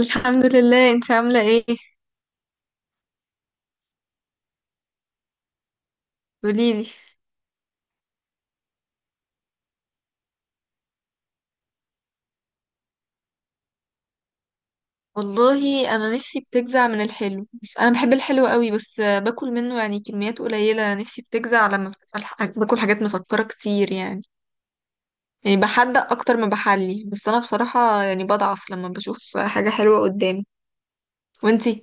الحمد لله، انت عاملة ايه؟ قوليلي. والله انا نفسي بتجزع من الحلو، بس انا بحب الحلو قوي، بس باكل منه يعني كميات قليلة. نفسي بتجزع لما بتبقى باكل حاجات مسكرة كتير يعني. يعني بحدق اكتر ما بحلي، بس انا بصراحة يعني بضعف لما بشوف حاجة حلوة قدامي. وانتي؟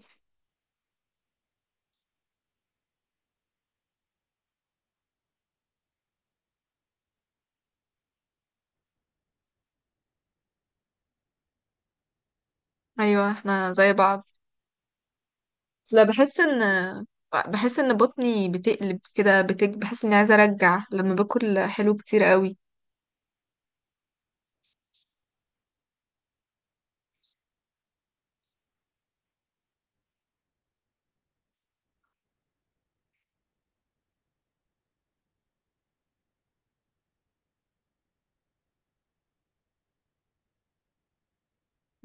ايوه احنا زي بعض. لا، بحس ان بحس ان بطني بتقلب كده بحس اني عايزة ارجع لما باكل حلو كتير قوي.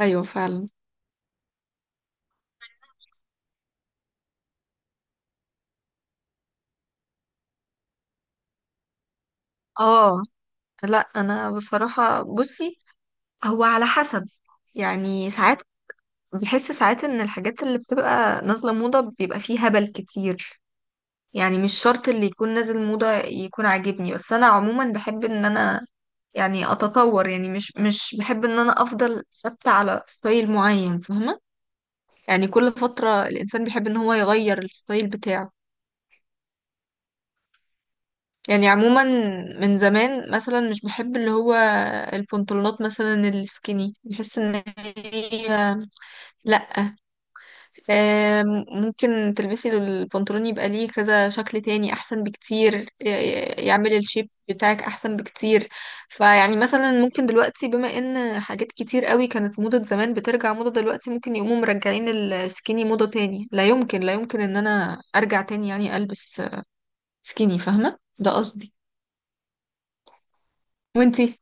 ايوه فعلا. اه. لا انا بصراحة بصي، هو على حسب. يعني ساعات بحس ساعات ان الحاجات اللي بتبقى نازلة موضة بيبقى فيه هبل كتير. يعني مش شرط اللي يكون نازل موضة يكون عاجبني، بس انا عموما بحب ان انا يعني اتطور، يعني مش بحب ان انا افضل ثابتة على ستايل معين، فاهمة؟ يعني كل فترة الانسان بيحب ان هو يغير الستايل بتاعه. يعني عموما من زمان مثلا مش بحب اللي هو البنطلونات مثلا السكيني، بحس ان هي، لا، ممكن تلبسي البنطلون يبقى ليه كذا شكل تاني احسن بكتير. يعمل الشيب بتاعك احسن بكتير. فيعني مثلا ممكن دلوقتي بما ان حاجات كتير قوي كانت موضة زمان بترجع موضة دلوقتي، ممكن يقوموا مرجعين السكيني موضة تاني. لا يمكن، لا يمكن ان انا ارجع تاني يعني البس سكيني، فاهمة ده قصدي؟ وانتي؟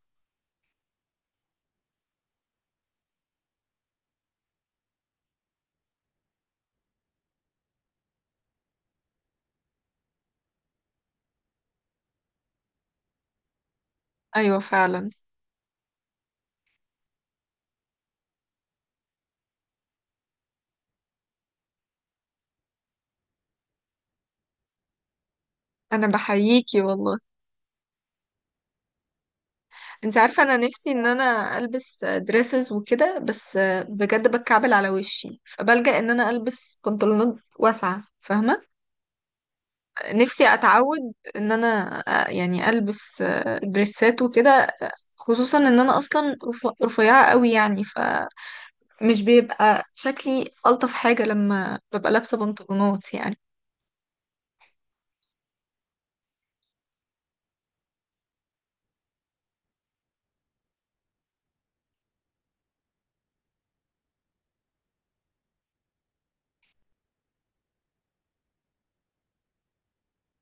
ايوه فعلا، انا بحييكي والله. انت عارفه انا نفسي ان انا البس دريسز وكده، بس بجد بتكعبل على وشي، فبلجأ ان انا البس بنطلونات واسعه، فاهمه. نفسي اتعود ان انا يعني البس دريسات وكده. خصوصا ان انا اصلا رفيعه قوي يعني، فمش بيبقى شكلي الطف حاجه لما ببقى لابسه بنطلونات يعني.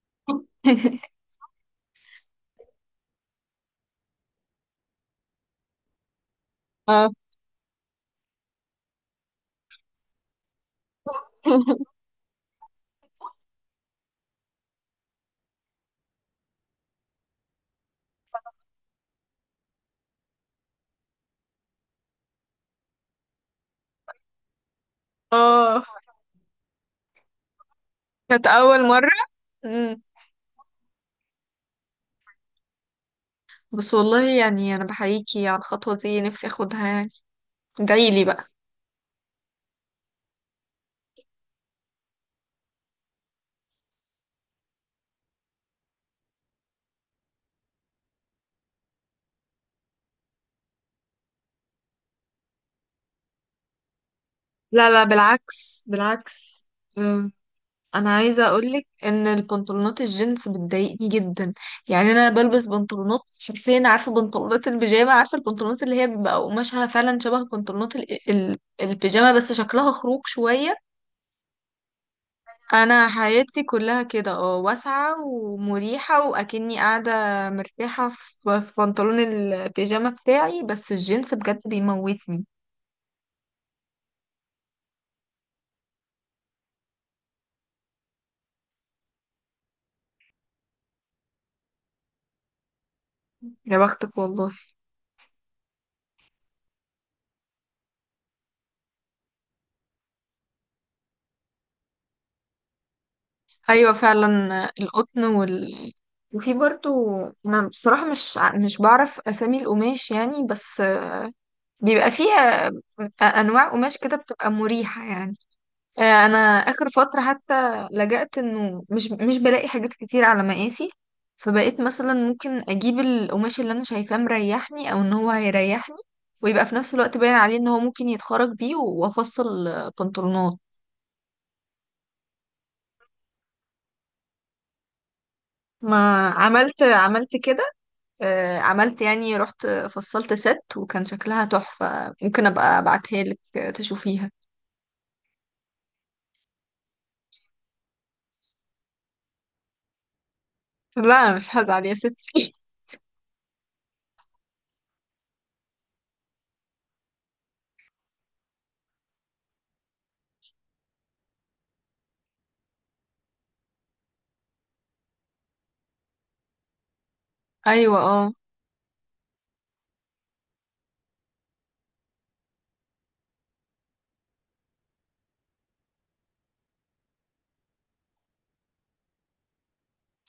اه. اه، كانت اول مره. بس والله يعني انا بحييكي على الخطوه دي، نفسي اخدها يعني. ادعيلي بقى. لا لا، بالعكس بالعكس. أم، انا عايزه اقولك ان البنطلونات الجينز بتضايقني جدا. يعني انا بلبس بنطلونات حرفيا عارفه بنطلونات البيجامه، عارفه البنطلونات اللي هي بيبقى قماشها فعلا شبه بنطلونات البيجامه بس شكلها خروج شويه. انا حياتي كلها كده، اه، واسعه ومريحه، واكني قاعده مرتاحه في في بنطلون البيجامه بتاعي. بس الجينز بجد بيموتني. يا بختك والله. ايوه فعلا، القطن وال، وفي برضو، انا بصراحه مش بعرف اسامي القماش يعني، بس بيبقى فيها انواع قماش كده بتبقى مريحه يعني. انا اخر فتره حتى لجأت انه مش بلاقي حاجات كتير على مقاسي، فبقيت مثلا ممكن اجيب القماش اللي انا شايفاه مريحني او ان هو هيريحني، ويبقى في نفس الوقت باين عليه ان هو ممكن يتخرج بيه وافصل بنطلونات. ما عملت عملت كده. عملت يعني، رحت فصلت ست وكان شكلها تحفه، ممكن ابقى ابعتها لك تشوفيها. لا مش هزعل يا ستي. ايوه اه.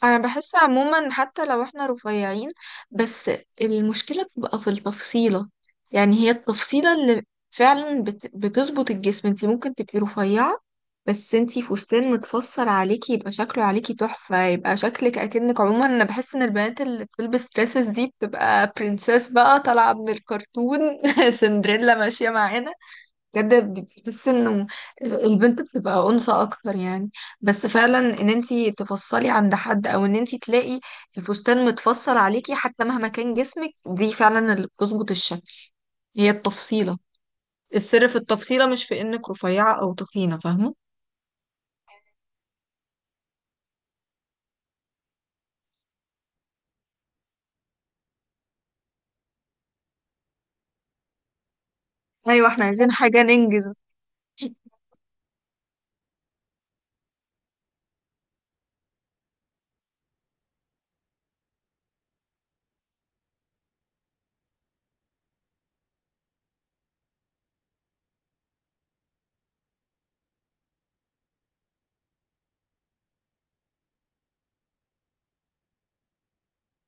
انا بحس عموما حتى لو احنا رفيعين، بس المشكلة بتبقى في التفصيلة. يعني هي التفصيلة اللي فعلا بتظبط الجسم. انتي ممكن تبقي رفيعة، بس انتي فستان متفصل عليكي يبقى شكله عليكي تحفة، يبقى شكلك اكنك، عموما انا بحس ان البنات اللي بتلبس دresses دي بتبقى برنسيس بقى طالعة من الكرتون. سندريلا ماشية معانا. بجد بحس انه البنت بتبقى انثى اكتر يعني. بس فعلا ان انتي تفصلي عند حد او ان انتي تلاقي الفستان متفصل عليكي، حتى مهما كان جسمك، دي فعلا اللي بتظبط الشكل. هي التفصيلة. السر في التفصيلة، مش في انك رفيعة او تخينة، فاهمة؟ ايوه احنا عايزين حاجة ننجز.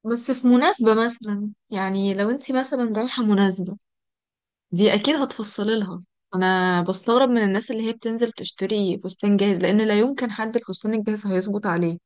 بس في مناسبة مثلا، يعني لو انتي مثلا رايحة مناسبة، دي اكيد هتفصلي لها. انا بستغرب من الناس اللي هي بتنزل تشتري فستان جاهز، لان لا يمكن حد الفستان الجاهز هيظبط عليه.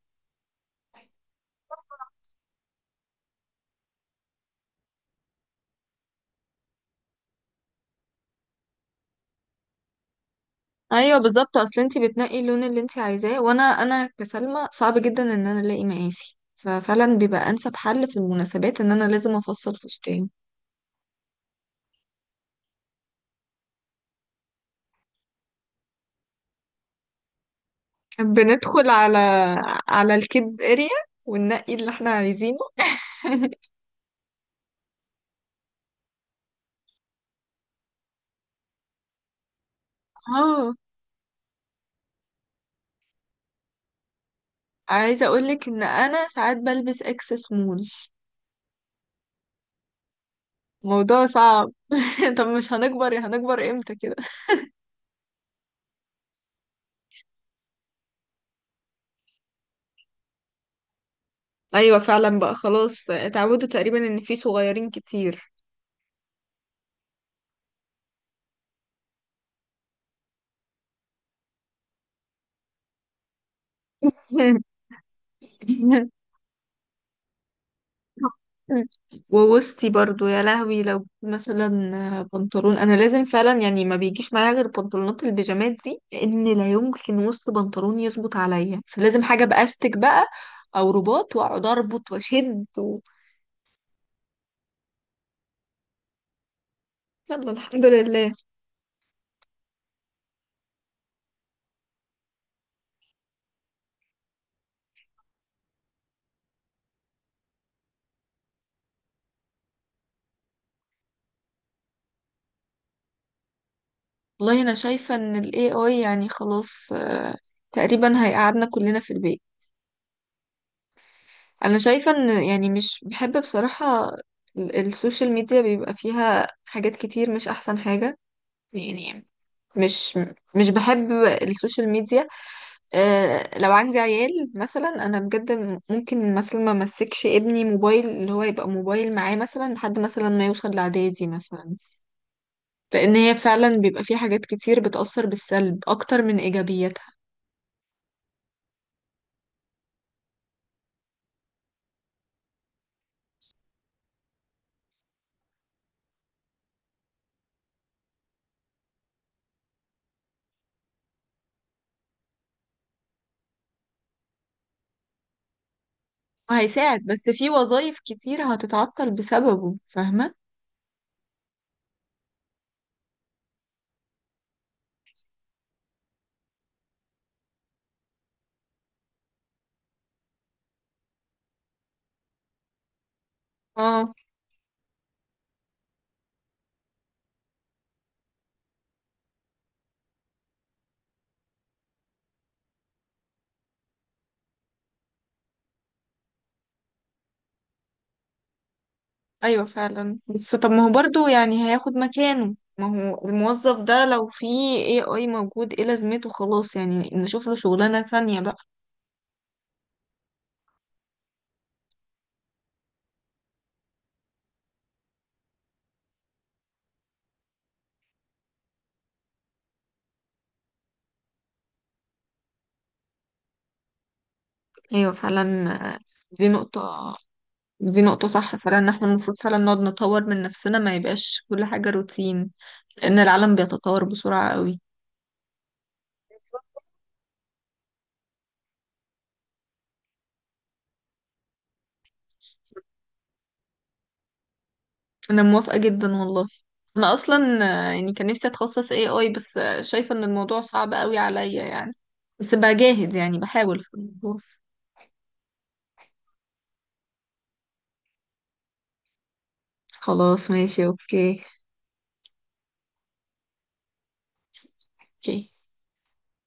ايوه بالظبط، اصل انتي بتنقي اللون اللي انتي عايزاه، وانا كسلمى صعب جدا ان انا الاقي مقاسي، ففعلا بيبقى انسب حل في المناسبات ان انا لازم افصل فستان. بندخل على على الكيدز اريا وننقي اللي احنا عايزينه. اه عايزه اقولك ان انا ساعات بلبس اكس سمول. موضوع صعب. طب مش هنكبر، هنكبر امتى كده؟ ايوه فعلا بقى، خلاص اتعودوا تقريبا ان في صغيرين كتير. مم. ووسطي برضو، يا لهوي، لو مثلا بنطلون، انا لازم فعلا يعني ما بيجيش معايا غير بنطلونات البيجامات دي، لان لا يمكن وسط بنطلون يظبط عليا، فلازم حاجه باستك بقى او رباط، واقعد اربط واشد و... يلا الحمد لله. والله انا شايفه ان الاي اي يعني خلاص، تقريبا هيقعدنا كلنا في البيت. انا شايفه ان يعني مش بحب بصراحه السوشيال ميديا، بيبقى فيها حاجات كتير مش احسن حاجه يعني. مش مش بحب السوشيال ميديا. آه لو عندي عيال مثلا انا بجد ممكن مثلا ما امسكش ابني موبايل، اللي هو يبقى موبايل معاه مثلا لحد مثلا ما يوصل لاعدادي مثلا، لان هي فعلا بيبقى في حاجات كتير بتأثر بالسلب اكتر من ايجابياتها. هيساعد، بس في وظائف كتير هتتعطل بسببه، فاهمة؟ اه. ايوه فعلا، بس طب ما هو برضو يعني هياخد مكانه. ما هو الموظف ده لو في اي اي موجود ايه لازمته، خلاص يعني نشوف له شغلانة ثانية بقى. ايوه فعلا. آه، دي نقطة، دي نقطة صح فعلا، ان احنا المفروض فعلا نقعد نطور من نفسنا، ما يبقاش كل حاجة روتين، لان العالم بيتطور بسرعة قوي. انا موافقة جدا والله. انا اصلا يعني كان نفسي اتخصص اي اي، بس شايفة ان الموضوع صعب قوي عليا يعني، بس بجاهد يعني، بحاول في الموضوع. خلاص ماشي اوكي. اوكي.